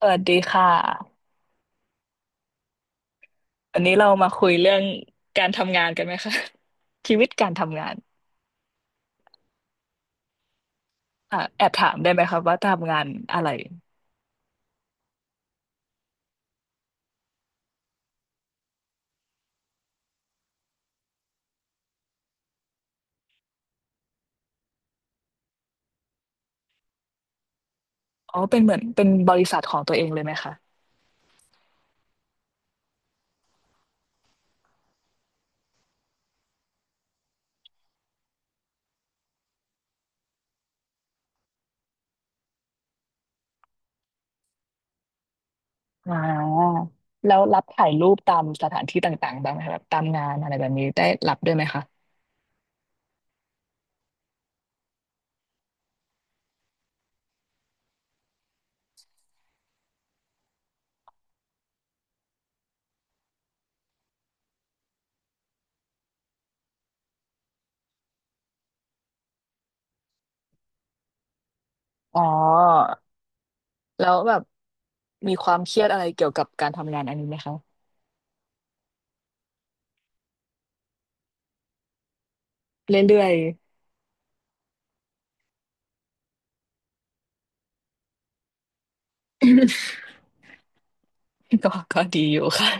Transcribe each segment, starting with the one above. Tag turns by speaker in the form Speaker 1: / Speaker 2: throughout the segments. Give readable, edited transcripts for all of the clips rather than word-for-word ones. Speaker 1: สวัสดีค่ะวันนี้เรามาคุยเรื่องการทำงานกันไหมคะ ชีวิตการทำงานอ่ะแอบถามได้ไหมคะว่าทำงานอะไรอ๋อเป็นเหมือนเป็นบริษัทของตัวเองเลยไหมคะอ่าแล้วรับถ่ายรูปตามสถานที่ต่างๆบ้างไหมคะแบบตามงานอะไรแบบนี้ได้รับด้วยไหมคะอ๋อ แล้วแบบมีความเครียดอะไรเกี่ยวกับการทำงานอันนี้ไหมคะเรื่อยๆ ก็ก็ดีอยู่ค่ะ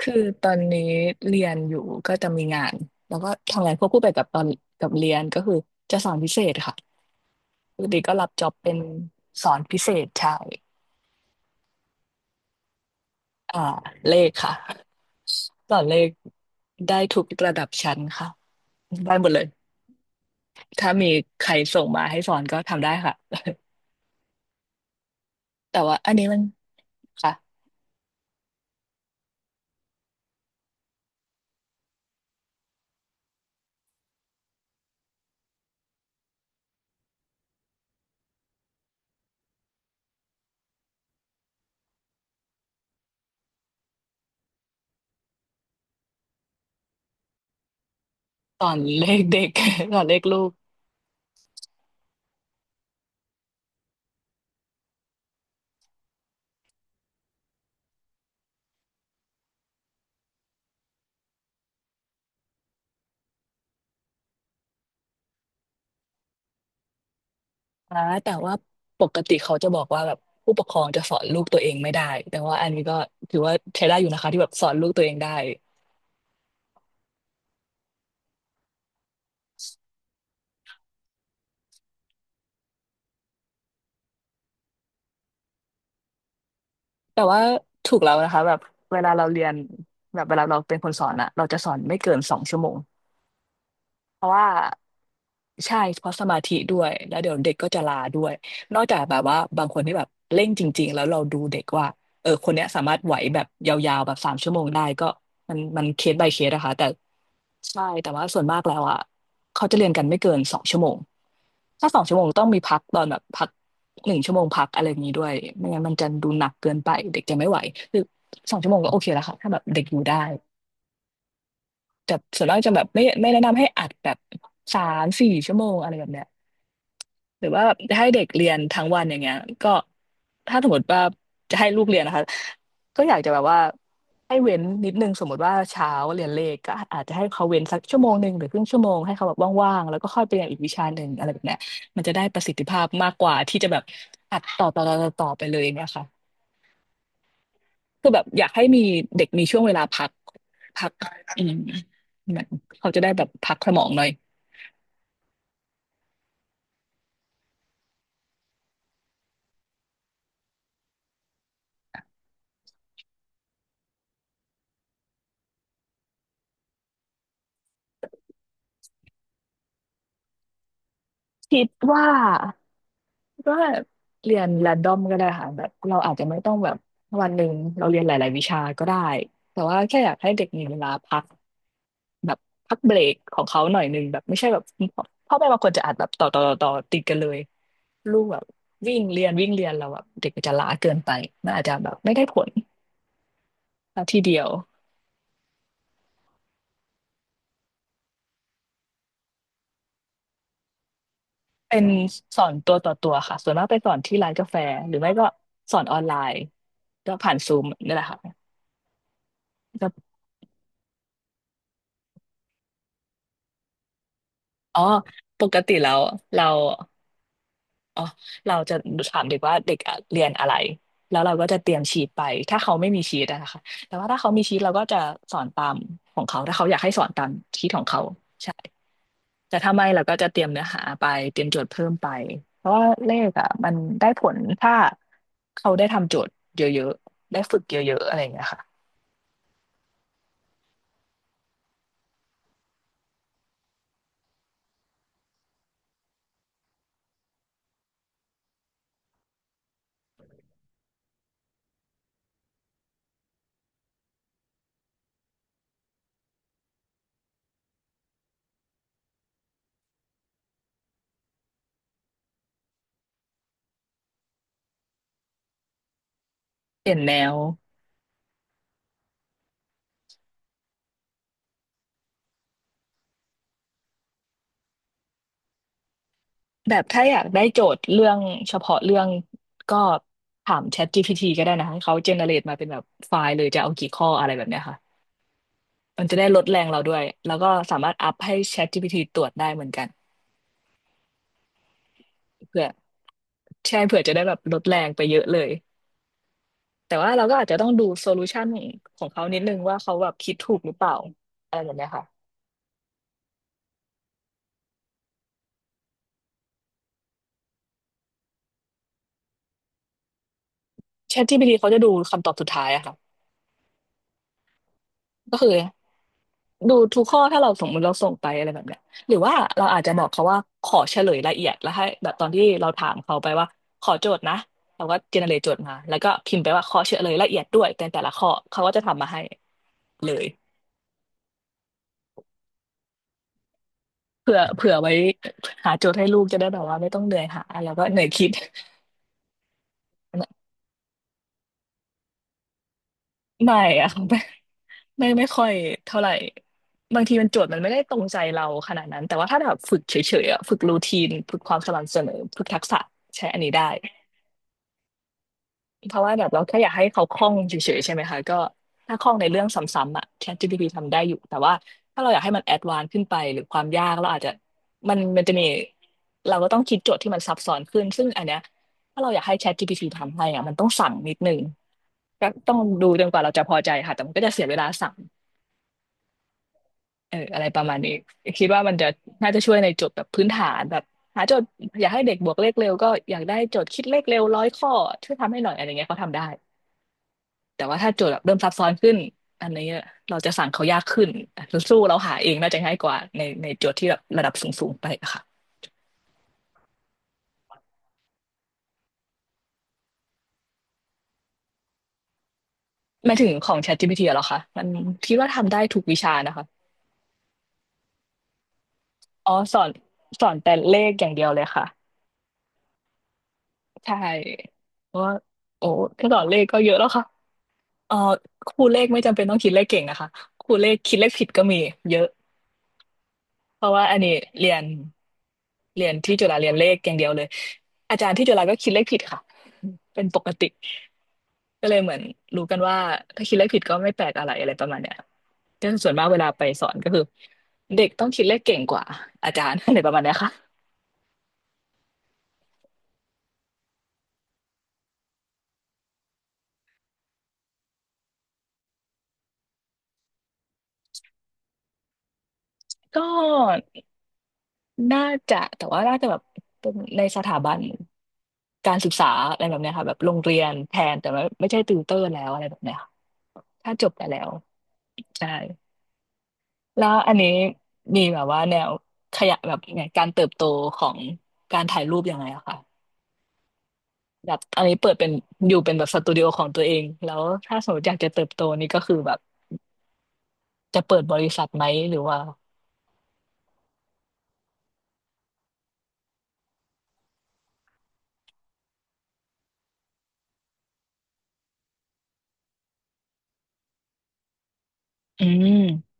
Speaker 1: คือตอนนี้เรียนอยู่ก็จะมีงานแล้วก็ทำงานควบคู่ไปกับตอนกับเรียนก็คือจะสอนพิเศษค่ะปกติก็รับจ็อบเป็นสอนพิเศษใช่อ่าเลขค่ะสอนเลขได้ทุกระดับชั้นค่ะได้หมดเลยถ้ามีใครส่งมาให้สอนก็ทำได้ค่ะ แต่ว่าอันนี้มันค่ะสอนเลขเด็ก สอนเลขลูก นะแต่ว่าปกติเขาจะบอกว่าแบบผู้ปกครองจะสอนลูกตัวเองไม่ได้แต่ว่าอันนี้ก็ถือว่าใช้ได้อยู่นะคะที่แบบสอนลูกตัวเองได้แต่ว่าถูกแล้วนะคะแบบเวลาเราเรียนแบบเวลาเราเป็นคนสอนอะเราจะสอนไม่เกินสองชั่วโมงเพราะว่า ใช่เพราะสมาธิด้วยแล้วเดี๋ยวเด็กก็จะลาด้วยนอกจากแบบว่าบางคนที่แบบเร่งจริงๆแล้วเราดูเด็กว่าเออคนเนี้ยสามารถไหวแบบยาวๆแบบสามชั่วโมงได้ก็มันเคส by เคสนะคะแต่ใช่แต่ว่าส่วนมากแล้วอ่ะเขาจะเรียนกันไม่เกินสองชั่วโมงถ้าสองชั่วโมงต้องมีพักตอนแบบพักหนึ่งชั่วโมงพักอะไรอย่างนี้ด้วยไม่งั้นมันจะดูหนักเกินไปเด็กจะไม่ไหวคือสองชั่วโมงก็โอเคแล้วค่ะถ้าแบบเด็กอยู่ได้แต่ส่วนมากจะแบบไม่แนะนำให้อัดแบบสามสี่ชั่วโมงอะไรแบบเนี้ย หรือว่าแบบให้เด็กเรียนทั้งวันอย่างเงี้ยก็ถ้าสมมติว่าจะให้ลูกเรียนนะคะก็อยากจะแบบว่าให้เว้นนิดนึงสมมติว่าเช้าเรียนเลขก็อาจจะให้เขาเว้นสักชั่วโมงหนึ่งหรือครึ่งชั่วโมงให้เขาแบบว่างๆแล้วก็ค่อยไปเรียนอีกวิชาหนึ่งอะไรแบบเนี้ยมันจะได้ประสิทธิภาพมากกว่าที่จะแบบอัดต่อไปเลยอย่างเงี้ยค่ะคือแบบอยากให้มีเด็กมีช่วงเวลาพักอืมเหมอนเขาจะได้แบบพักสมองหน่อยคิดว่า ก็เรียน r รนดอมก็ได้ค่ะแบบเราอาจจะไม่ต้องแบบวันหนึ่งเราเรียนหลายๆวิชาก็ได้ แต่ว่าแค่อยากให้เด็กมีเวลาพักแบบพักเบรกของเขาหน่อยหนึ่งแบบไม่ใช่แบบพ่อแม่บางคนจะอัดแบบต่อติดกันเลยลูกแบบวิ่งเรียนวิ่งเรียนเราแแบบเด็กมันจะล้าเกินไปมันอาจจะแบบไม่ได้ผลทีเดียวเป็นสอนตัวต่อตัวค่ะส่วนมากไปสอนที่ร้านกาแฟหรือไม่ก็สอนออนไลน์ก็ผ่านซูมนี่แหละค่ะก็อ๋อปกติแล้วเรา อ๋อเราจะถามเด็กว่าเด็กอะเรียนอะไรแล้วเราก็จะเตรียมชีตไปถ้าเขาไม่มีชีตอะนะคะแต่ว่าถ้าเขามีชีตเราก็จะสอนตามของเขาถ้าเขาอยากให้สอนตามชีตของเขาใช่แต่ถ้าไม่เราก็จะเตรียมเนื้อหาไปเตรียมโจทย์เพิ่มไปเพราะว่าเลขอะมันได้ผลถ้าเขาได้ทำโจทย์เยอะๆได้ฝึกเยอะๆอะไรอย่างเงี้ยค่ะเปลี่ยนแนวแบบถ้าอยากได้โจทย์เรื่องเฉพาะเรื่องก็ถาม ChatGPT ก็ได้นะให้เขาเจเนเรตมาเป็นแบบไฟล์เลยจะเอากี่ข้ออะไรแบบเนี้ยค่ะ มันจะได้ลดแรงเราด้วยแล้วก็สามารถอัพให้ ChatGPT ตรวจได้เหมือนกันเพื่อใช่เผื่อจะได้แบบลดแรงไปเยอะเลยแต่ว่าเราก็อาจจะต้องดูโซลูชันของเขานิดนึงว่าเขาแบบคิดถูกหรือเปล่าอะไรแบบเนี้ยค่ะ ChatGPT เขาจะดูคำตอบสุดท้ายอะค่ะก็คือดูทุกข้อถ้าเราสมมติเราส่งไปอะไรแบบเนี้ยหรือว่าเราอาจจะบอกเขาว่าขอเฉลยละเอียดแล้วให้แบบตอนที่เราถามเขาไปว่าขอโจทย์นะเราก็เจเนเรตโจทย์มาแล้วก็พิมพ์ไปว่าขอเฉลยละเอียดด้วยแต่แต่ละข้อเขาก็จะทำมาให้เลย เผื่อไว้หาโจทย์ให้ลูกจะได้แบบว่าไม่ต้องเหนื่อยหาแล้วก็เหนื่อยคิด ไม่อะ ค่ะไม่ไม่ค่อยเท่าไหร่บางทีมันโจทย์มันไม่ได้ตรงใจเราขนาดนั้นแต่ว่าถ้าแบบฝึกเฉยๆอะฝึกรูทีนฝึกความสม่ำเสมอฝึกทักษะใช้อันนี้ได้ เพราะว่าแบบเราแค่อยากให้เขาคล่องเฉยๆใช่ไหมคะก็ถ้าคล่องในเรื่องซ้ำๆอ่ะ ChatGPT ทำได้อยู่แต่ว่าถ้าเราอยากให้มันแอดวานซ์ขึ้นไปหรือความยากเราอาจจะมันจะมีเราก็ต้องคิดโจทย์ที่มันซับซ้อนขึ้นซึ่งอันเนี้ยถ้าเราอยากให้ ChatGPT ทำให้อ่ะมันต้องสั่งนิดนึงก็ต้องดูจนกว่าเราจะพอใจค่ะแต่มันก็จะเสียเวลาสั่งเอออะไรประมาณนี้คิดว่ามันจะน่าจะช่วยในโจทย์แบบพื้นฐานแบบหาโจทย์อยากให้เด็กบวกเลขเร็วก็อยากได้โจทย์คิดเลขเร็วร้อยข้อช่วยทำให้หน่อยอะไรเงี้ยเขาทำได้ แต่ว่าถ้าโจทย์แบบเริ่มซับซ้อนขึ้นอันนี้เราจะสั่งเขายากขึ้นสู้เราหาเองน่าจะง่ายกว่าในโจทย์ที่แบบระดับสูงๆไปอะค่ะหมายถึงของ ChatGPT อะเหรอคะมันคิดว่าทำได้ทุกวิชานะคะอ๋อสอนแต่เลขอย่างเดียวเลยค่ะใช่เพราะว่าโอ้แค่สอนเลขก็เยอะแล้วค่ะเออครูเลขไม่จำเป็นต้องคิดเลขเก่งนะคะครูเลขคิดเลขผิดก็มีเยอะเพราะว่าอันนี้เรียนเรียนที่จุฬาเรียนเลขอย่างเดียวเลยอาจารย์ที่จุฬาก็คิดเลขผิดค่ะเป็นปกติ ก็เลยเหมือนรู้กันว่าถ้าคิดเลขผิดก็ไม่แปลกอะไรอะไรประมาณเนี้ยก็ส่วนมากเวลาไปสอนก็คือเด็กต้องคิดเลขเก่งกว่าอาจารย์ อะไรประมาณเนี้ยค่ะก็น่าจะแต่ว่าน่าจะแบบเป็นในสถาบันการศึกษาอะไรแบบเนี้ยค่ะแบบโรงเรียนแทนแต่ว่าไม่ใช่ติวเตอร์แล้วอะไรแบบเนี้ยค่ะถ้าจบไปแล้วใช่แล้วอันนี้มีแบบว่าแนวขยะแบบไงการเติบโตของการถ่ายรูปยังไงอะคะ แบบอันนี้เปิดเป็นอยู่เป็นแบบสตูดิโอของตัวเองแล้วถ้าสมมติอยากจะเติบโตนี่ก็คือแบบจะเปิดบริษัทไหมหรือว่าอืม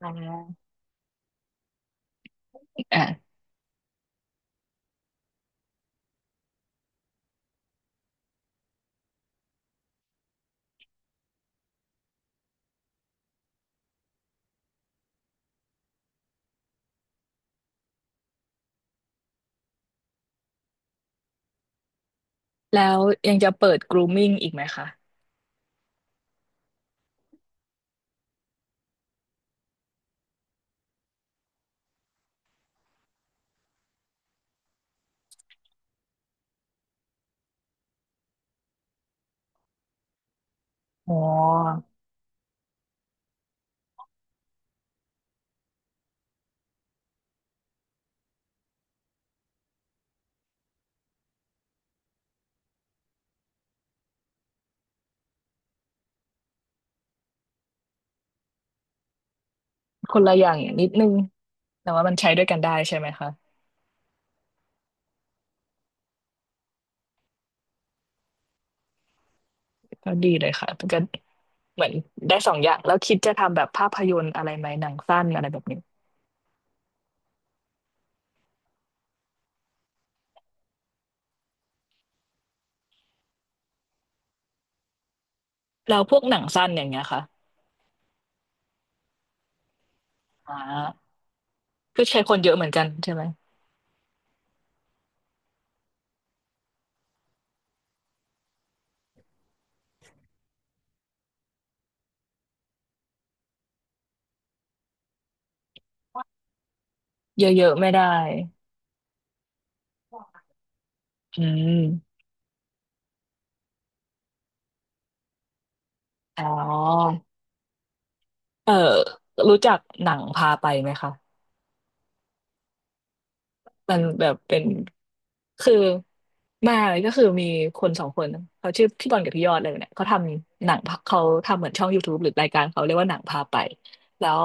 Speaker 1: อ่าอ่ะแล้วยังจะเปิด grooming อีกไหมคะอ๋อคนละอย่างอย่างนิดนึงแต่ว่ามันใช้ด้วยกันได้ใช่ไหมคะก็ดีเลยค่ะมันก็เหมือนได้สองอย่างแล้วคิดจะทำแบบภาพยนตร์อะไรไหมหนังสั้นอะไรแบบนี้แล้วพวกหนังสั้นอย่างเงี้ยค่ะอ่าก็ใช้คนเยอะเหมือนกันใช่ไหมเยอะๆไม่ได้อืมอ๋อ เออรู้จักหนังพาไปไหมคะมันแบบเป็น คือมาก็คือมีคนสองคนเขาชื่อพี่บอลกับพี่ยอดเลยเนี่ยเขาทำหนังพะเขาทำเหมือนช่อง YouTube หรือรายการเขาเรียกว่าหนังพาไปแล้ว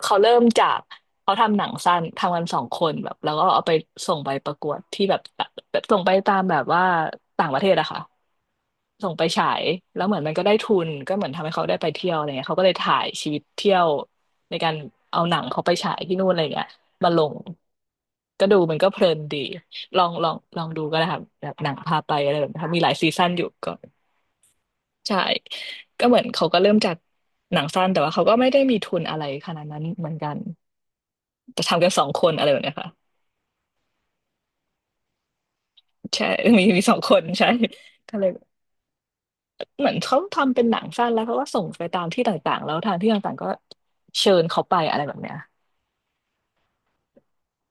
Speaker 1: เขาเริ่มจากเขาทำหนังสั้นทำกันสองคนแบบแล้วก็เอาไปส่งไปประกวดที่แบบส่งไปตามแบบว่าต่างประเทศอะค่ะส่งไปฉายแล้วเหมือนมันก็ได้ทุนก็เหมือนทำให้เขาได้ไปเที่ยวอะไรเงี้ยเขาก็เลยถ่ายชีวิตเที่ยวในการเอาหนังเขาไปฉายที่นู่นอะไรเงี้ย มาลงก็ดูมันก็เพลินดีลองดูก็ได้ครับแบบหนังพาไปอะไรแบบนี้ครับมีหลายซีซั่นอยู่ก็ใช่ก็เหมือนเขาก็เริ่มจากหนังสั้นแต่ว่าเขาก็ไม่ได้มีทุนอะไรขนาดนั้นเหมือนกันแต่ทำกันสองคนอะไรแบบเนี้ยค่ะใช่มีสองคนใช่ก็เลยเหมือนเขาทำเป็นหนังสั้นแล้วเขาก็ส่งไปตามที่ต่างๆแล้วทางที่ต่างๆก็เชิญเขาไปอะไรแบบเนี้ย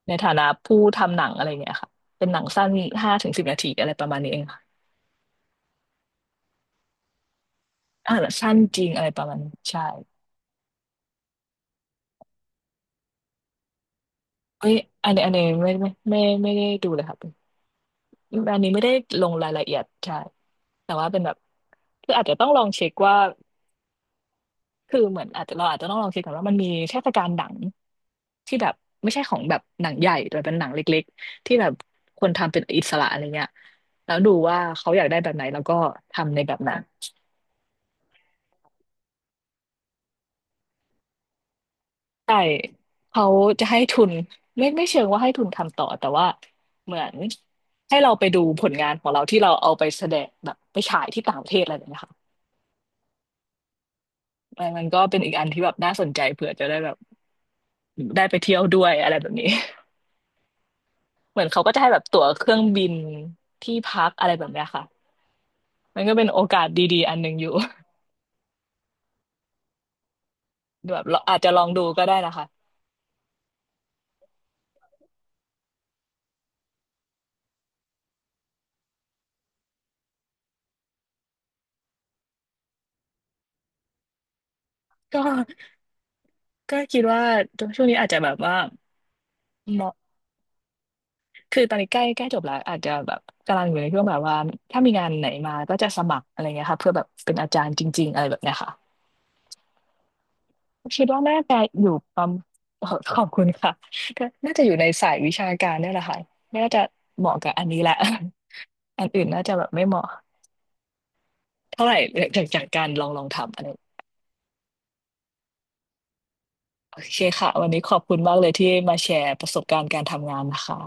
Speaker 1: ในฐานะผู้ทำหนังอะไรเงี้ยค่ะเป็นหนังสั้นห้าถึงสิบนาทีอะไรประมาณนี้เอง อ่าสั้นจริงอะไรประมาณนี้ใช่เอ้ยอันนี้ไม่ได้ดูเลยครับอันนี้ไม่ได้ลงรายละเอียดใช่แต่ว่าเป็นแบบคืออาจจะต้องลองเช็คว่าคือเหมือนอาจจะเราอาจจะต้องลองเช็คก่อนว่ามันมีเทศกาลหนังที่แบบไม่ใช่ของแบบหนังใหญ่แต่เป็นหนังเล็กๆที่แบบคนทำเป็นอิสระอะไรเงี้ยแล้วดูว่าเขาอยากได้แบบไหนแล้วก็ทำในแบบนั้น ใช่เขาจะให้ทุนไม่เชิงว่าให้ทุนทำต่อแต่ว่าเหมือนให้เราไปดูผลงานของเราที่เราเอาไปแสดงแบบไปฉายที่ต่างประเทศอะไรแบบเนี้ยค่ะมันก็เป็นอีกอันที่แบบน่าสนใจเผื่อจะได้แบบได้ไปเที่ยวด้วยอะไรแบบนี้ เหมือนเขาก็จะให้แบบตั๋วเครื่องบินที่พักอะไรแบบเนี้ยค่ะมันก็เป็นโอกาสดีๆอันหนึ่งอยู่ แบบเราอาจจะลองดูก็ได้นะคะก็ก็คิดว่าช่วงนี้อาจจะแบบว่า คือตอนนี้ใกล้ใกล้จบแล้วอาจจะแบบกำลังอยู่ในช่วงแบบว่าถ้ามีงานไหนมาก็จะสมัครอะไรเงี้ยค่ะเพื่อแบบเป็นอาจารย์จริงๆอะไรแบบเนี้ยค่ะคิดว่าน่าจะอยู่ประม ขอบคุณค่ะก็น่าจะอยู่ในสายวิชาการเนี่ยแหละค่ะน่าจะเหมาะกับอันนี้แหละ อันอื่นน่าจะแบบไม่เหมาะเท่าไหร่ จากการลองทำอะไรโอเคค่ะวันนี้ขอบคุณมากเลยที่มาแชร์ประสบการณ์การทำงานนะคะ